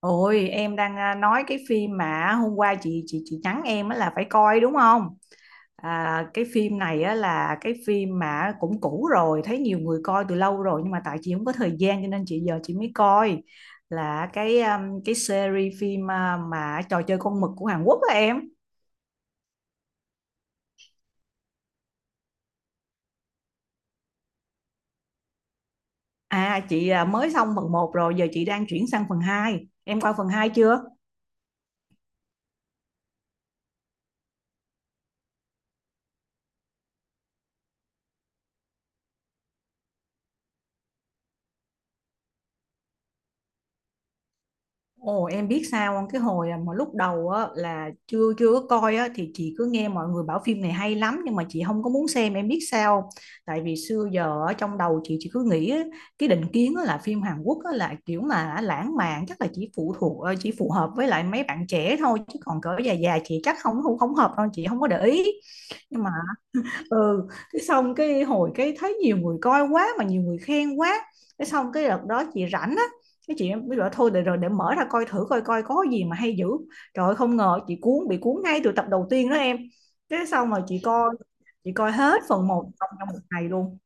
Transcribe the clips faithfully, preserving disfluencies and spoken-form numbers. Ôi em đang à, nói cái phim mà hôm qua chị chị chị nhắn em á là phải coi đúng không? À, cái phim này á là cái phim mà cũng cũ rồi, thấy nhiều người coi từ lâu rồi nhưng mà tại chị không có thời gian cho nên chị giờ chị mới coi là cái um, cái series phim à, mà Trò Chơi Con Mực của Hàn Quốc á em. À chị à, mới xong phần một rồi giờ chị đang chuyển sang phần hai. Em coi phần hai chưa? Ồ em biết sao không? Cái hồi à, mà lúc đầu á, là chưa chưa có coi á, thì chị cứ nghe mọi người bảo phim này hay lắm nhưng mà chị không có muốn xem, em biết sao không? Tại vì xưa giờ ở trong đầu chị chị cứ nghĩ á, cái định kiến á, là phim Hàn Quốc á, là kiểu mà lãng mạn chắc là chỉ phụ thuộc ờ, chỉ phù hợp với lại mấy bạn trẻ thôi chứ còn cỡ già già chị chắc không không không hợp đâu, chị không có để ý. Nhưng mà ừ, cái xong cái hồi cái thấy nhiều người coi quá mà nhiều người khen quá, cái xong cái đợt đó chị rảnh á, cái chị mới bảo thôi để rồi để mở ra coi thử coi coi có gì mà hay dữ. Trời ơi, không ngờ chị cuốn, bị cuốn ngay từ tập đầu tiên đó em. Cái xong rồi chị coi, chị coi hết phần một trong trong một ngày luôn.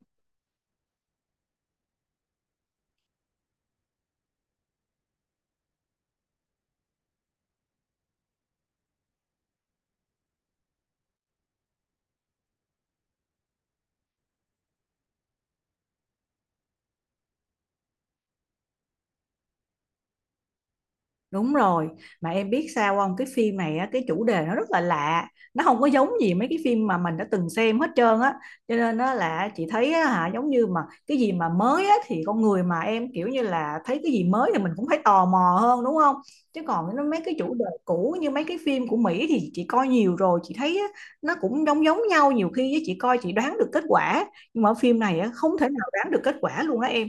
Đúng rồi, mà em biết sao không? Cái phim này á, cái chủ đề nó rất là lạ, nó không có giống gì mấy cái phim mà mình đã từng xem hết trơn á. Cho nên nó là chị thấy á, hả giống như mà cái gì mà mới á thì con người mà em kiểu như là thấy cái gì mới thì mình cũng phải tò mò hơn đúng không? Chứ còn nó mấy cái chủ đề cũ như mấy cái phim của Mỹ thì chị coi nhiều rồi, chị thấy á, nó cũng giống giống nhau, nhiều khi á, chị coi chị đoán được kết quả, nhưng mà ở phim này á, không thể nào đoán được kết quả luôn đó em.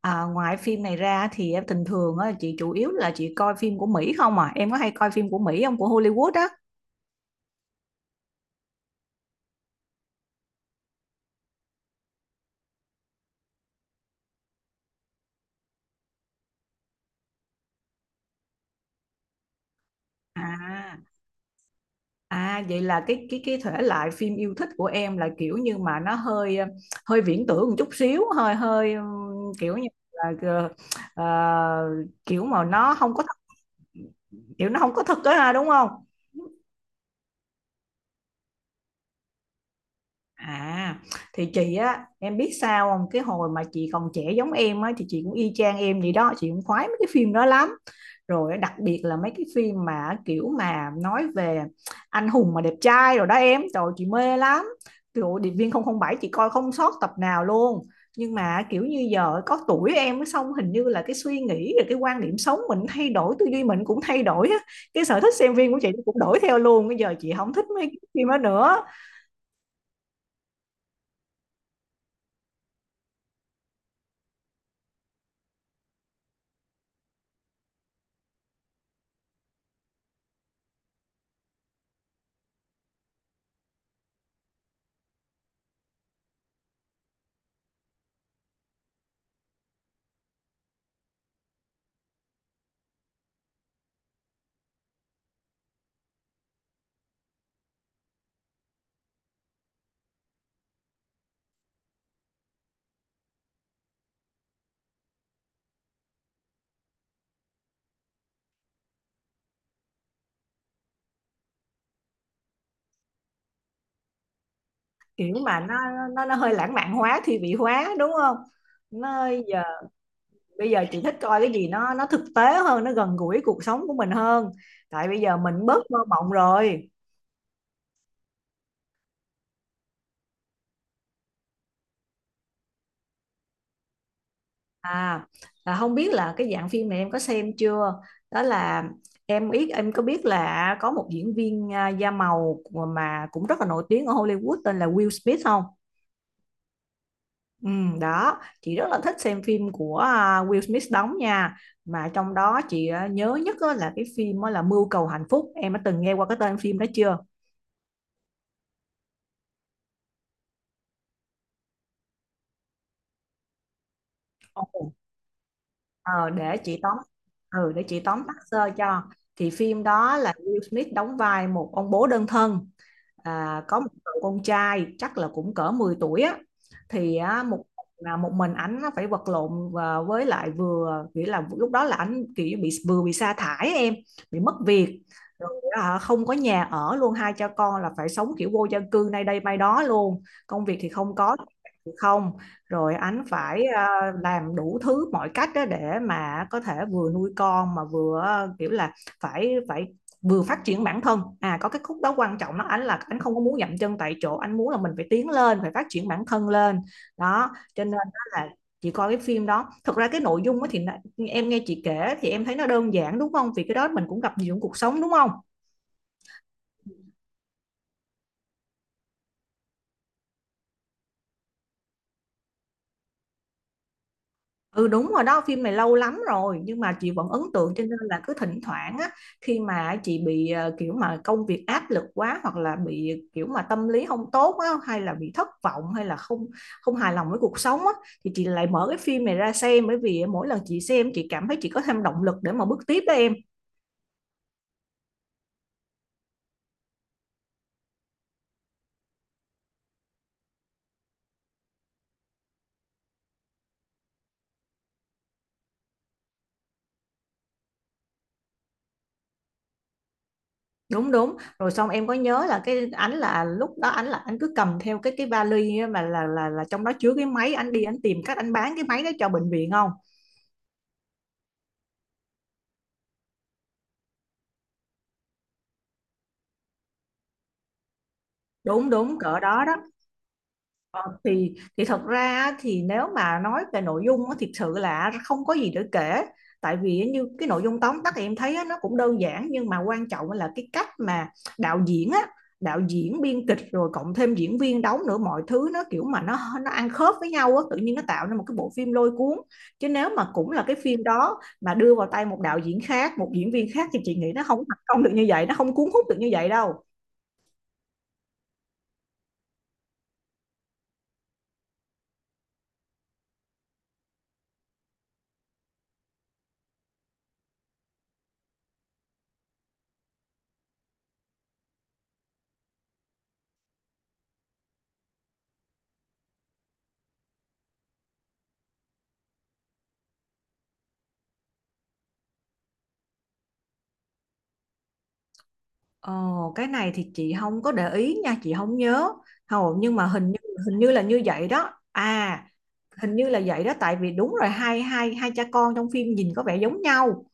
À, ngoài phim này ra thì em bình thường á, chị chủ yếu là chị coi phim của Mỹ không à? Em có hay coi phim của Mỹ không? Của Hollywood á? À, à vậy là cái cái cái thể loại phim yêu thích của em là kiểu như mà nó hơi ờ, hơi viễn tưởng một chút xíu, hơi hơi ừm, kiểu như là ờ, ờ, kiểu mà nó không có thật, kiểu nó không có thật á ha, đúng không? À, thì chị á, em biết sao không? Cái hồi mà chị còn trẻ giống em á, thì chị cũng y chang em vậy đó, chị cũng khoái mấy cái phim đó lắm. Rồi đặc biệt là mấy cái phim mà kiểu mà nói về anh hùng mà đẹp trai rồi đó em, trời ơi, chị mê lắm. Kiểu Điệp viên không không bảy chị coi không sót tập nào luôn. Nhưng mà kiểu như giờ có tuổi em á, xong hình như là cái suy nghĩ rồi cái quan điểm sống mình thay đổi, tư duy mình cũng thay đổi á. Cái sở thích xem phim của chị cũng đổi theo luôn. Bây giờ chị không thích mấy cái phim đó nữa. Kiểu mà nó nó nó hơi lãng mạn hóa, thi vị hóa đúng không? Nó giờ bây giờ chị thích coi cái gì nó nó thực tế hơn, nó gần gũi cuộc sống của mình hơn, tại bây giờ mình bớt mơ mộng rồi. À là không biết là cái dạng phim này em có xem chưa? Đó là em biết, em có biết là có một diễn viên à, da màu mà cũng rất là nổi tiếng ở Hollywood tên là Will Smith không? Ừ, đó chị rất là thích xem phim của à, Will Smith đóng nha, mà trong đó chị à, nhớ nhất á là cái phim á là Mưu Cầu Hạnh Phúc, em đã từng nghe qua cái tên phim đó chưa? Ồ. Ờ, để chị tóm, ừ, để chị tóm tắt sơ cho. Thì phim đó là Will Smith đóng vai một ông bố đơn thân à, có một cậu con trai chắc là cũng cỡ mười tuổi á, thì á, một là một mình ảnh á phải vật lộn và với lại vừa nghĩa là lúc đó là ảnh kiểu bị, vừa bị sa thải em, bị mất việc rồi á, không có nhà ở luôn, hai cha con là phải sống kiểu vô gia cư nay đây mai đó luôn, công việc thì không có, thì không, rồi ảnh phải à, làm đủ thứ mọi cách đó để mà có thể vừa nuôi con mà vừa à, kiểu là phải phải vừa phát triển bản thân. À có cái khúc đó quan trọng, nó anh là anh không có muốn dậm chân tại chỗ, anh muốn là mình phải tiến lên, phải phát triển bản thân lên. Đó cho nên đó là chị coi cái phim đó. Thật ra cái nội dung á thì em nghe chị kể thì em thấy nó đơn giản đúng không, vì cái đó mình cũng gặp nhiều trong cuộc sống đúng không? Ừ đúng rồi đó, phim này lâu lắm rồi nhưng mà chị vẫn ấn tượng cho nên là cứ thỉnh thoảng á, khi mà chị bị ờ, kiểu mà công việc áp lực quá hoặc là bị kiểu mà tâm lý không tốt á hay là bị thất vọng hay là không, không hài lòng với cuộc sống á, thì chị lại mở cái phim này ra xem, bởi vì mỗi lần chị xem chị cảm thấy chị có thêm động lực để mà bước tiếp đó em. Đúng đúng. Rồi xong em có nhớ là cái ảnh là lúc đó ảnh là anh cứ cầm theo cái cái vali á, mà là là là trong đó chứa cái máy, anh đi anh tìm cách anh bán cái máy đó cho bệnh viện không? Đúng đúng cỡ đó đó. Ờ, thì thì thật ra á, thì nếu mà nói về nội dung á, thiệt sự là không có gì để kể, tại vì á, như cái nội dung tóm tắt em thấy á, nó cũng đơn giản, nhưng mà quan trọng là cái cách mà đạo diễn á, đạo diễn biên kịch rồi cộng thêm diễn viên đóng nữa, mọi thứ nó kiểu mà nó nó ăn khớp với nhau á, tự nhiên nó tạo nên một cái bộ phim lôi cuốn. Chứ nếu mà cũng là cái phim đó mà đưa vào tay một đạo diễn khác, một diễn viên khác thì chị nghĩ nó không thành công được như vậy, nó không cuốn hút được như vậy đâu. Ồ, cái này thì chị không có để ý nha, chị không nhớ. Hầu nhưng mà hình như hình như là như vậy đó. À, hình như là vậy đó, tại vì đúng rồi, hai hai hai cha con trong phim nhìn có vẻ giống nhau.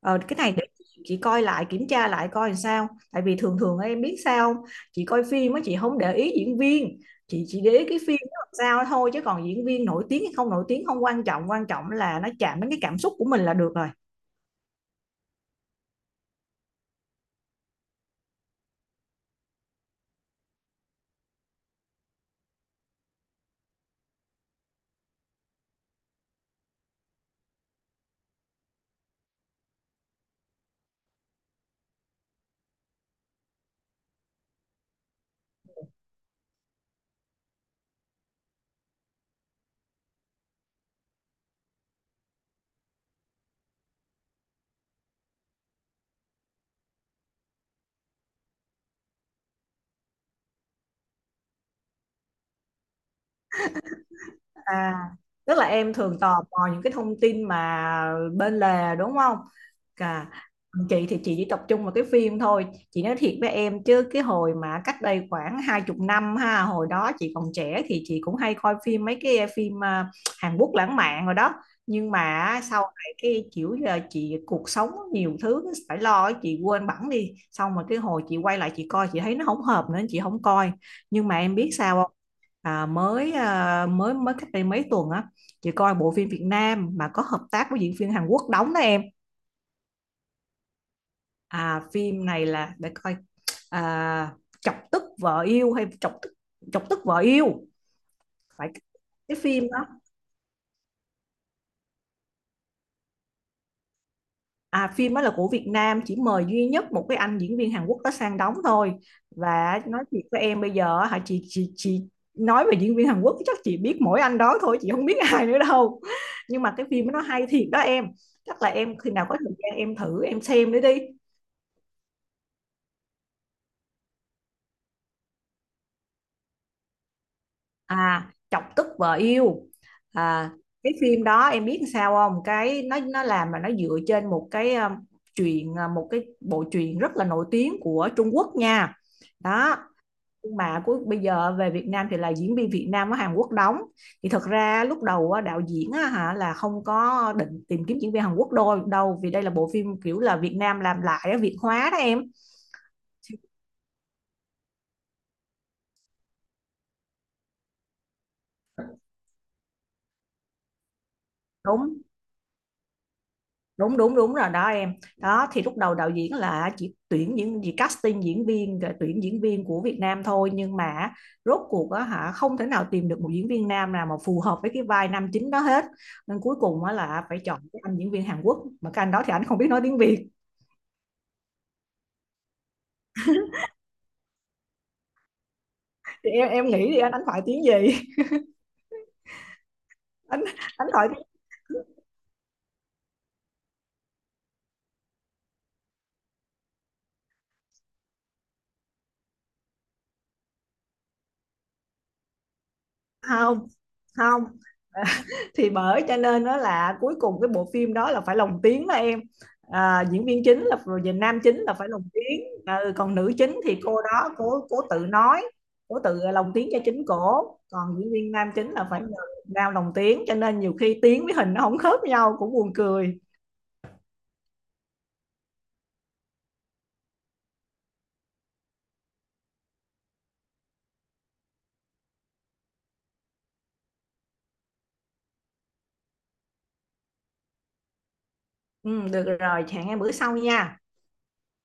Ờ, cái này để chị chị coi lại, kiểm tra lại coi làm sao. Tại vì thường thường em biết sao không? Chị coi phim á chị không để ý diễn viên, chị chỉ để ý cái phim nó làm sao thôi, chứ còn diễn viên nổi tiếng hay không nổi tiếng không quan trọng, quan trọng là nó chạm đến cái cảm xúc của mình là được rồi. À, tức là em thường tò mò những cái thông tin mà bên lề đúng không? Cả chị thì chị chỉ tập trung vào cái phim thôi. Chị nói thiệt với em chứ cái hồi mà cách đây khoảng hai chục năm ha, hồi đó chị còn trẻ thì chị cũng hay coi phim mấy cái phim à, Hàn Quốc lãng mạn rồi đó. Nhưng mà sau này cái kiểu là chị cuộc sống nhiều thứ phải lo ấy, chị quên bẵng đi. Xong mà cái hồi chị quay lại chị coi, chị thấy nó không hợp nữa chị không coi. Nhưng mà em biết sao, à, mới à, mới mới cách đây mấy tuần á, chị coi bộ phim Việt Nam mà có hợp tác với diễn viên Hàn Quốc đóng đó em. À phim này là để coi, à, Chọc Tức Vợ Yêu hay chọc tức chọc tức Vợ Yêu phải, cái phim đó. À, phim đó là của Việt Nam chỉ mời duy nhất một cái anh diễn viên Hàn Quốc đó sang đóng thôi, và nói thiệt với em bây giờ hả, chị chị chị nói về diễn viên Hàn Quốc chắc chị biết mỗi anh đó thôi, chị không biết ai nữa đâu. Nhưng mà cái phim đó nó hay thiệt đó em, chắc là em khi nào có thời gian em thử em xem nữa đi. À Chọc Tức Vợ Yêu. À cái phim đó em biết sao không, cái nó nó làm mà nó dựa trên một cái um, truyện, một cái bộ truyện rất là nổi tiếng của Trung Quốc nha. Đó, nhưng mà cuối bây giờ về Việt Nam thì là diễn viên Việt Nam ở Hàn Quốc đóng. Thì thật ra lúc đầu á, đạo diễn hả là không có định tìm kiếm diễn viên Hàn Quốc đôi đâu, vì đây là bộ phim kiểu là Việt Nam làm lại, Việt hóa đó em. Đúng đúng đúng đúng rồi đó em. Đó thì lúc đầu đạo diễn là chỉ tuyển những gì casting diễn viên, rồi tuyển diễn viên của Việt Nam thôi, nhưng mà rốt cuộc á hả không thể nào tìm được một diễn viên nam nào mà phù hợp với cái vai nam chính đó hết. Nên cuối cùng á là phải chọn cái anh diễn viên Hàn Quốc, mà cái anh đó thì anh không biết nói tiếng Việt. Thì em em nghĩ thì anh đánh thoại tiếng gì? Đánh, đánh thoại tiếng không. Không. Thì bởi cho nên đó là cuối cùng cái bộ phim đó là phải lồng tiếng đó em. À, diễn viên chính là rồi về nam chính là phải lồng tiếng. Ừ, còn nữ chính thì cô đó cô cô tự nói, cô tự lồng tiếng cho chính cổ, còn diễn viên nam chính là phải nhờ nào lồng tiếng, cho nên nhiều khi tiếng với hình nó không khớp nhau cũng buồn cười. Ừ, được rồi, hẹn em bữa sau nha.